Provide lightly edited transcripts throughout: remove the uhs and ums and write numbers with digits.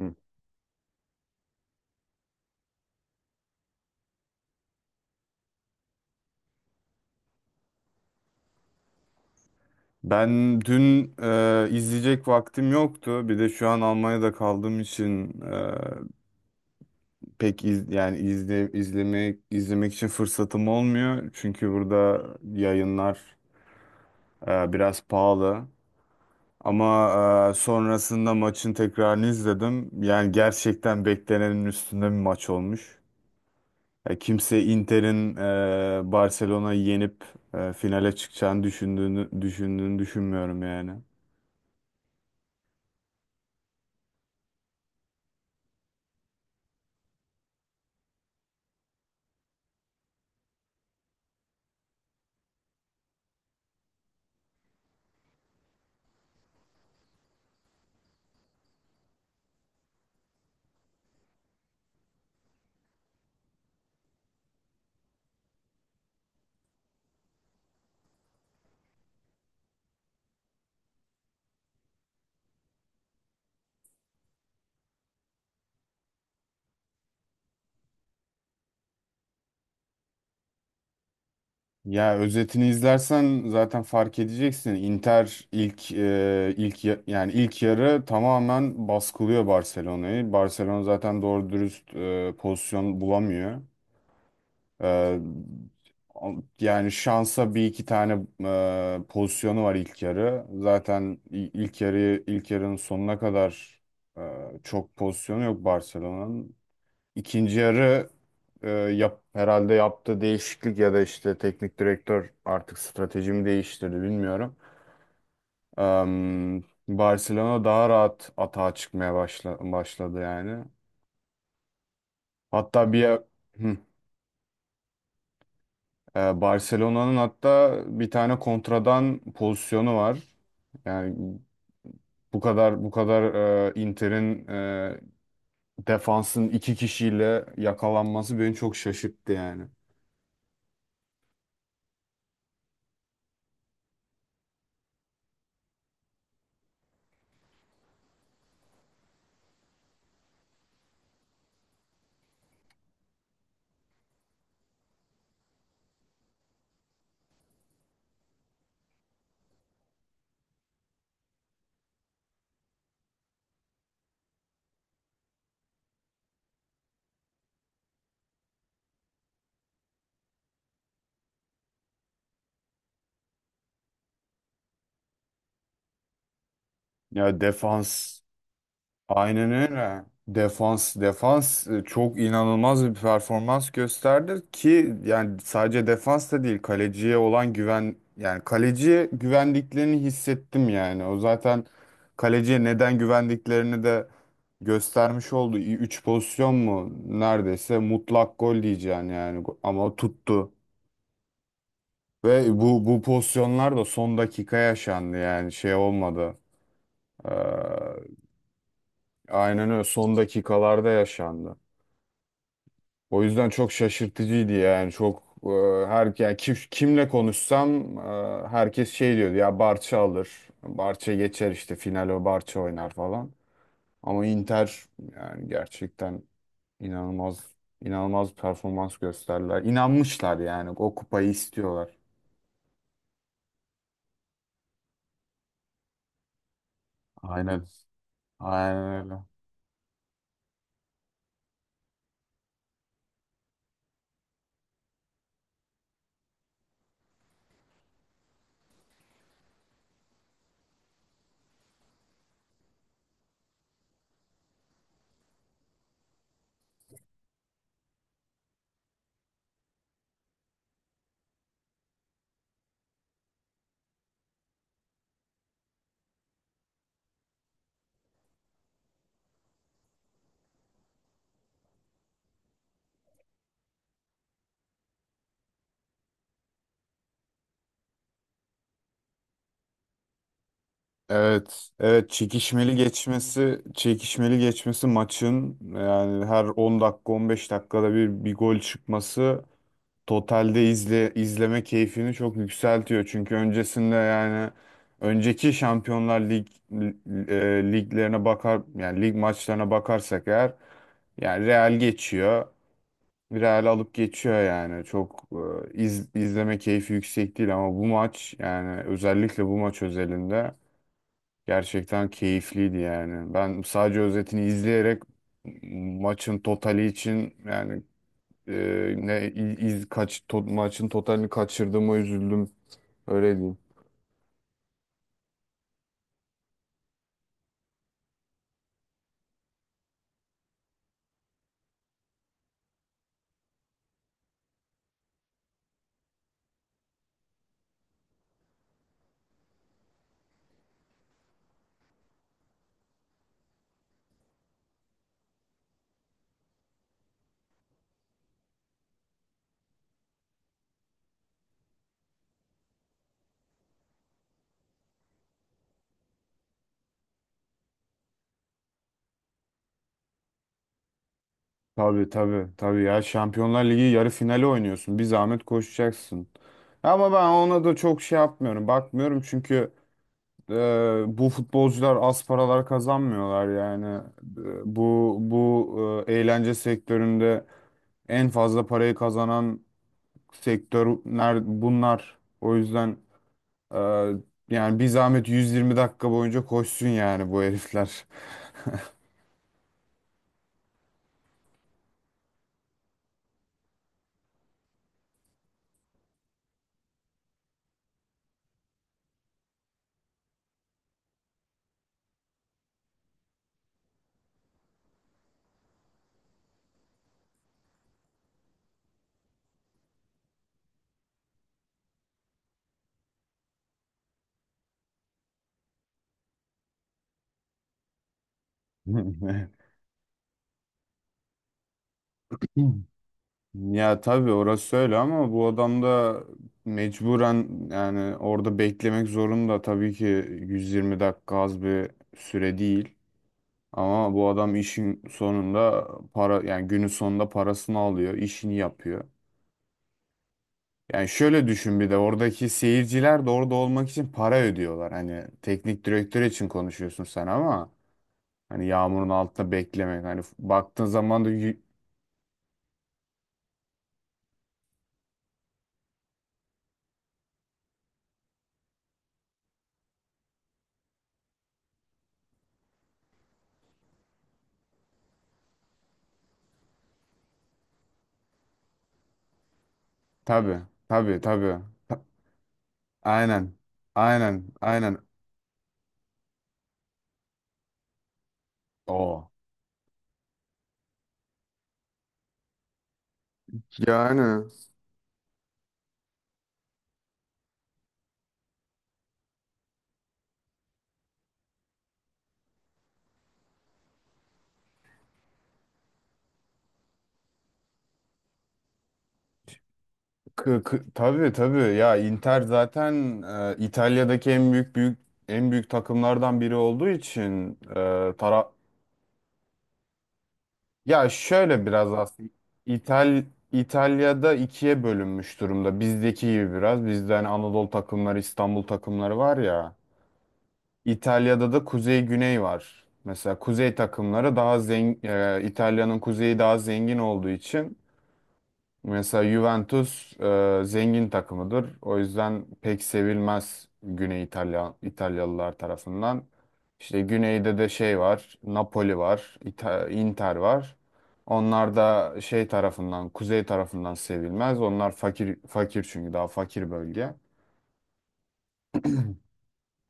Hı. Ben dün izleyecek vaktim yoktu. Bir de şu an Almanya'da kaldığım için pek izlemek için fırsatım olmuyor. Çünkü burada yayınlar biraz pahalı. Ama sonrasında maçın tekrarını izledim. Yani gerçekten beklenenin üstünde bir maç olmuş. Kimse Inter'in Barcelona'yı yenip finale çıkacağını düşündüğünü düşünmüyorum yani. Ya özetini izlersen zaten fark edeceksin. Inter ilk e, ilk ya- yani ilk yarı tamamen baskılıyor Barcelona'yı. Barcelona zaten doğru dürüst pozisyon bulamıyor. E, Yani şansa bir iki tane pozisyonu var ilk yarı. Zaten ilk ilk yarının sonuna kadar e, çok pozisyonu yok Barcelona'nın. İkinci yarı herhalde yaptığı değişiklik ya da işte teknik direktör artık stratejimi değiştirdi bilmiyorum. Am, Barcelona daha rahat atağa çıkmaya başladı yani. Hatta bir Hı. Barcelona'nın hatta bir tane kontradan pozisyonu var. Yani bu kadar Inter'in defansın iki kişiyle yakalanması beni çok şaşırttı yani. Ya defans aynen öyle. Defans çok inanılmaz bir performans gösterdi ki yani sadece defans da değil kaleciye olan güven yani kaleciye güvendiklerini hissettim yani. O zaten kaleciye neden güvendiklerini de göstermiş oldu. Üç pozisyon mu neredeyse mutlak gol diyeceğim yani ama tuttu. Ve bu pozisyonlar da son dakika yaşandı yani şey olmadı. Ee, aynen öyle son dakikalarda yaşandı. O yüzden çok şaşırtıcıydı yani çok her yani kimle konuşsam herkes şey diyordu ya Barça alır. Barça geçer işte final o Barça oynar falan. Ama Inter yani gerçekten inanılmaz inanılmaz bir performans gösterdiler. İnanmışlar yani o kupayı istiyorlar. Aynen. Aynen öyle. Evet, evet çekişmeli geçmesi maçın yani her 10 dakika 15 dakikada bir gol çıkması totalde izleme keyfini çok yükseltiyor. Çünkü öncesinde yani önceki Şampiyonlar Lig liglerine bakar yani lig maçlarına bakarsak eğer yani Real geçiyor. Real alıp geçiyor yani. Çok izleme keyfi yüksek değil ama bu maç yani özellikle bu maç özelinde gerçekten keyifliydi yani. Ben sadece özetini izleyerek maçın totali için yani e, ne i- iz kaç to- maçın totalini kaçırdığıma üzüldüm. Öyle diyeyim. Tabii tabii ya Şampiyonlar Ligi yarı finali oynuyorsun. Bir zahmet koşacaksın. Ama ben ona da çok şey yapmıyorum. Bakmıyorum çünkü e, bu futbolcular az paralar kazanmıyorlar yani. Bu eğlence sektöründe en fazla parayı kazanan sektörler bunlar. O yüzden e, yani bir zahmet 120 dakika boyunca koşsun yani bu herifler. Ya tabii orası öyle ama bu adam da mecburen yani orada beklemek zorunda tabii ki 120 dakika az bir süre değil. Ama bu adam işin sonunda para yani günün sonunda parasını alıyor, işini yapıyor. Yani şöyle düşün bir de oradaki seyirciler de orada olmak için para ödüyorlar. Hani teknik direktör için konuşuyorsun sen ama hani yağmurun altında beklemek hani baktığın zaman da tabii tabii. Aynen. Aynen. O. Yani tabii ya Inter zaten İtalya'daki en büyük büyük en büyük takımlardan biri olduğu için e, tara ya şöyle biraz aslında İtal İtalya'da ikiye bölünmüş durumda. Bizdeki gibi biraz. Bizde hani Anadolu takımları, İstanbul takımları var ya. İtalya'da da kuzey güney var. Mesela kuzey takımları daha zengin. İtalya'nın kuzeyi daha zengin olduğu için mesela Juventus zengin takımıdır. O yüzden pek sevilmez Güney İtalya İtalyalılar tarafından. İşte güneyde de şey var, Napoli var, Inter var. Onlar da şey tarafından, kuzey tarafından sevilmez. Onlar fakir çünkü daha fakir bölge.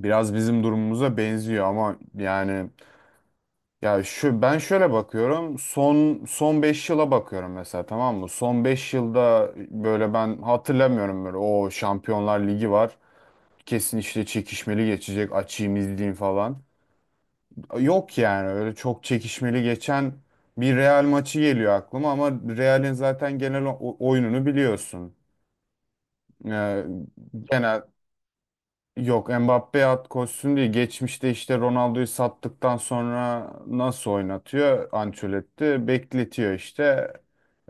Biraz bizim durumumuza benziyor ama yani ya şu ben şöyle bakıyorum. Son 5 yıla bakıyorum mesela tamam mı? Son 5 yılda böyle ben hatırlamıyorum böyle o Şampiyonlar Ligi var. Kesin işte çekişmeli geçecek. Açayım izleyeyim falan. Yok yani öyle çok çekişmeli geçen bir Real maçı geliyor aklıma ama Real'in zaten genel oyununu biliyorsun. Ee, genel Yok Mbappe at koşsun diye geçmişte işte Ronaldo'yu sattıktan sonra nasıl oynatıyor Ancelotti bekletiyor işte.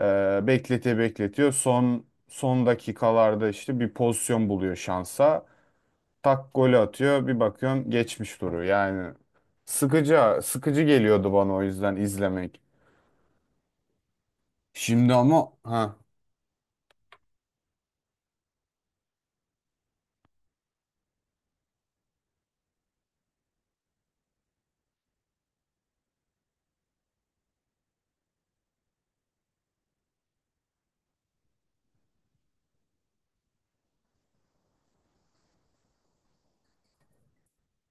Bekletiyor son dakikalarda işte bir pozisyon buluyor şansa tak golü atıyor bir bakıyorum geçmiş duruyor yani sıkıcı geliyordu bana o yüzden izlemek şimdi ama ha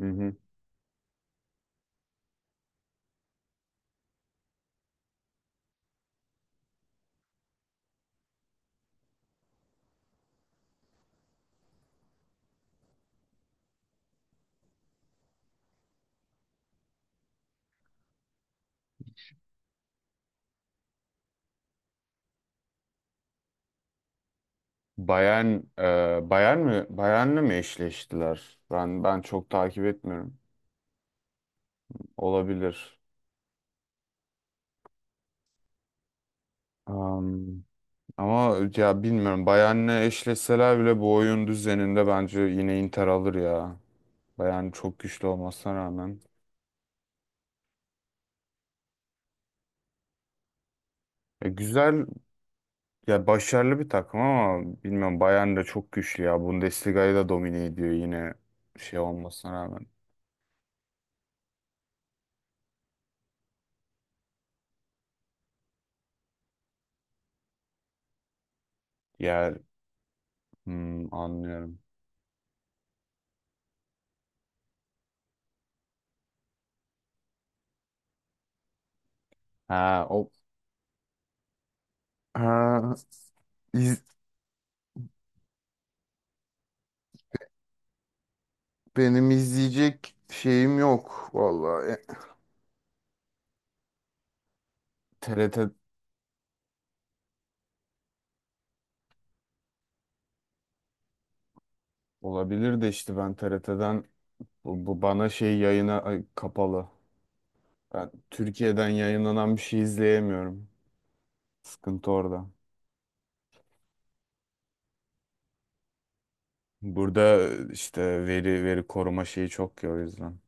hı hı. Bayern Bayern mi Bayern'le mi eşleştiler ben çok takip etmiyorum olabilir. Am, Ama ya bilmiyorum. Bayern'le eşleşseler bile bu oyun düzeninde bence yine Inter alır ya. Bayern çok güçlü olmasına rağmen. Güzel ya başarılı bir takım ama bilmiyorum Bayern de çok güçlü ya. Bundesliga'yı da domine ediyor yine şey olmasına rağmen. Yer hmm, anlıyorum. Ha o ha, iz- Benim izleyecek şeyim yok vallahi. TRT olabilir de işte ben TRT'den Bu, bu bana şey yayına ay, kapalı. Ben Türkiye'den yayınlanan bir şey izleyemiyorum. Sıkıntı orada. Burada işte veri koruma şeyi çok ya o yüzden.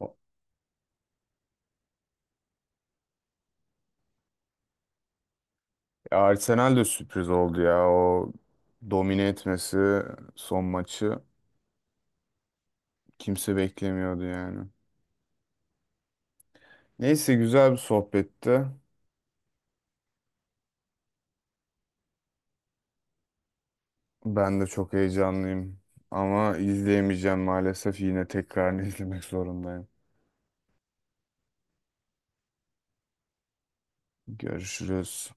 O- Ya Arsenal de sürpriz oldu ya. O domine etmesi son maçı kimse beklemiyordu yani. Neyse güzel bir sohbetti. Ben de çok heyecanlıyım. Ama izleyemeyeceğim maalesef. Yine tekrar izlemek zorundayım. Görüşürüz.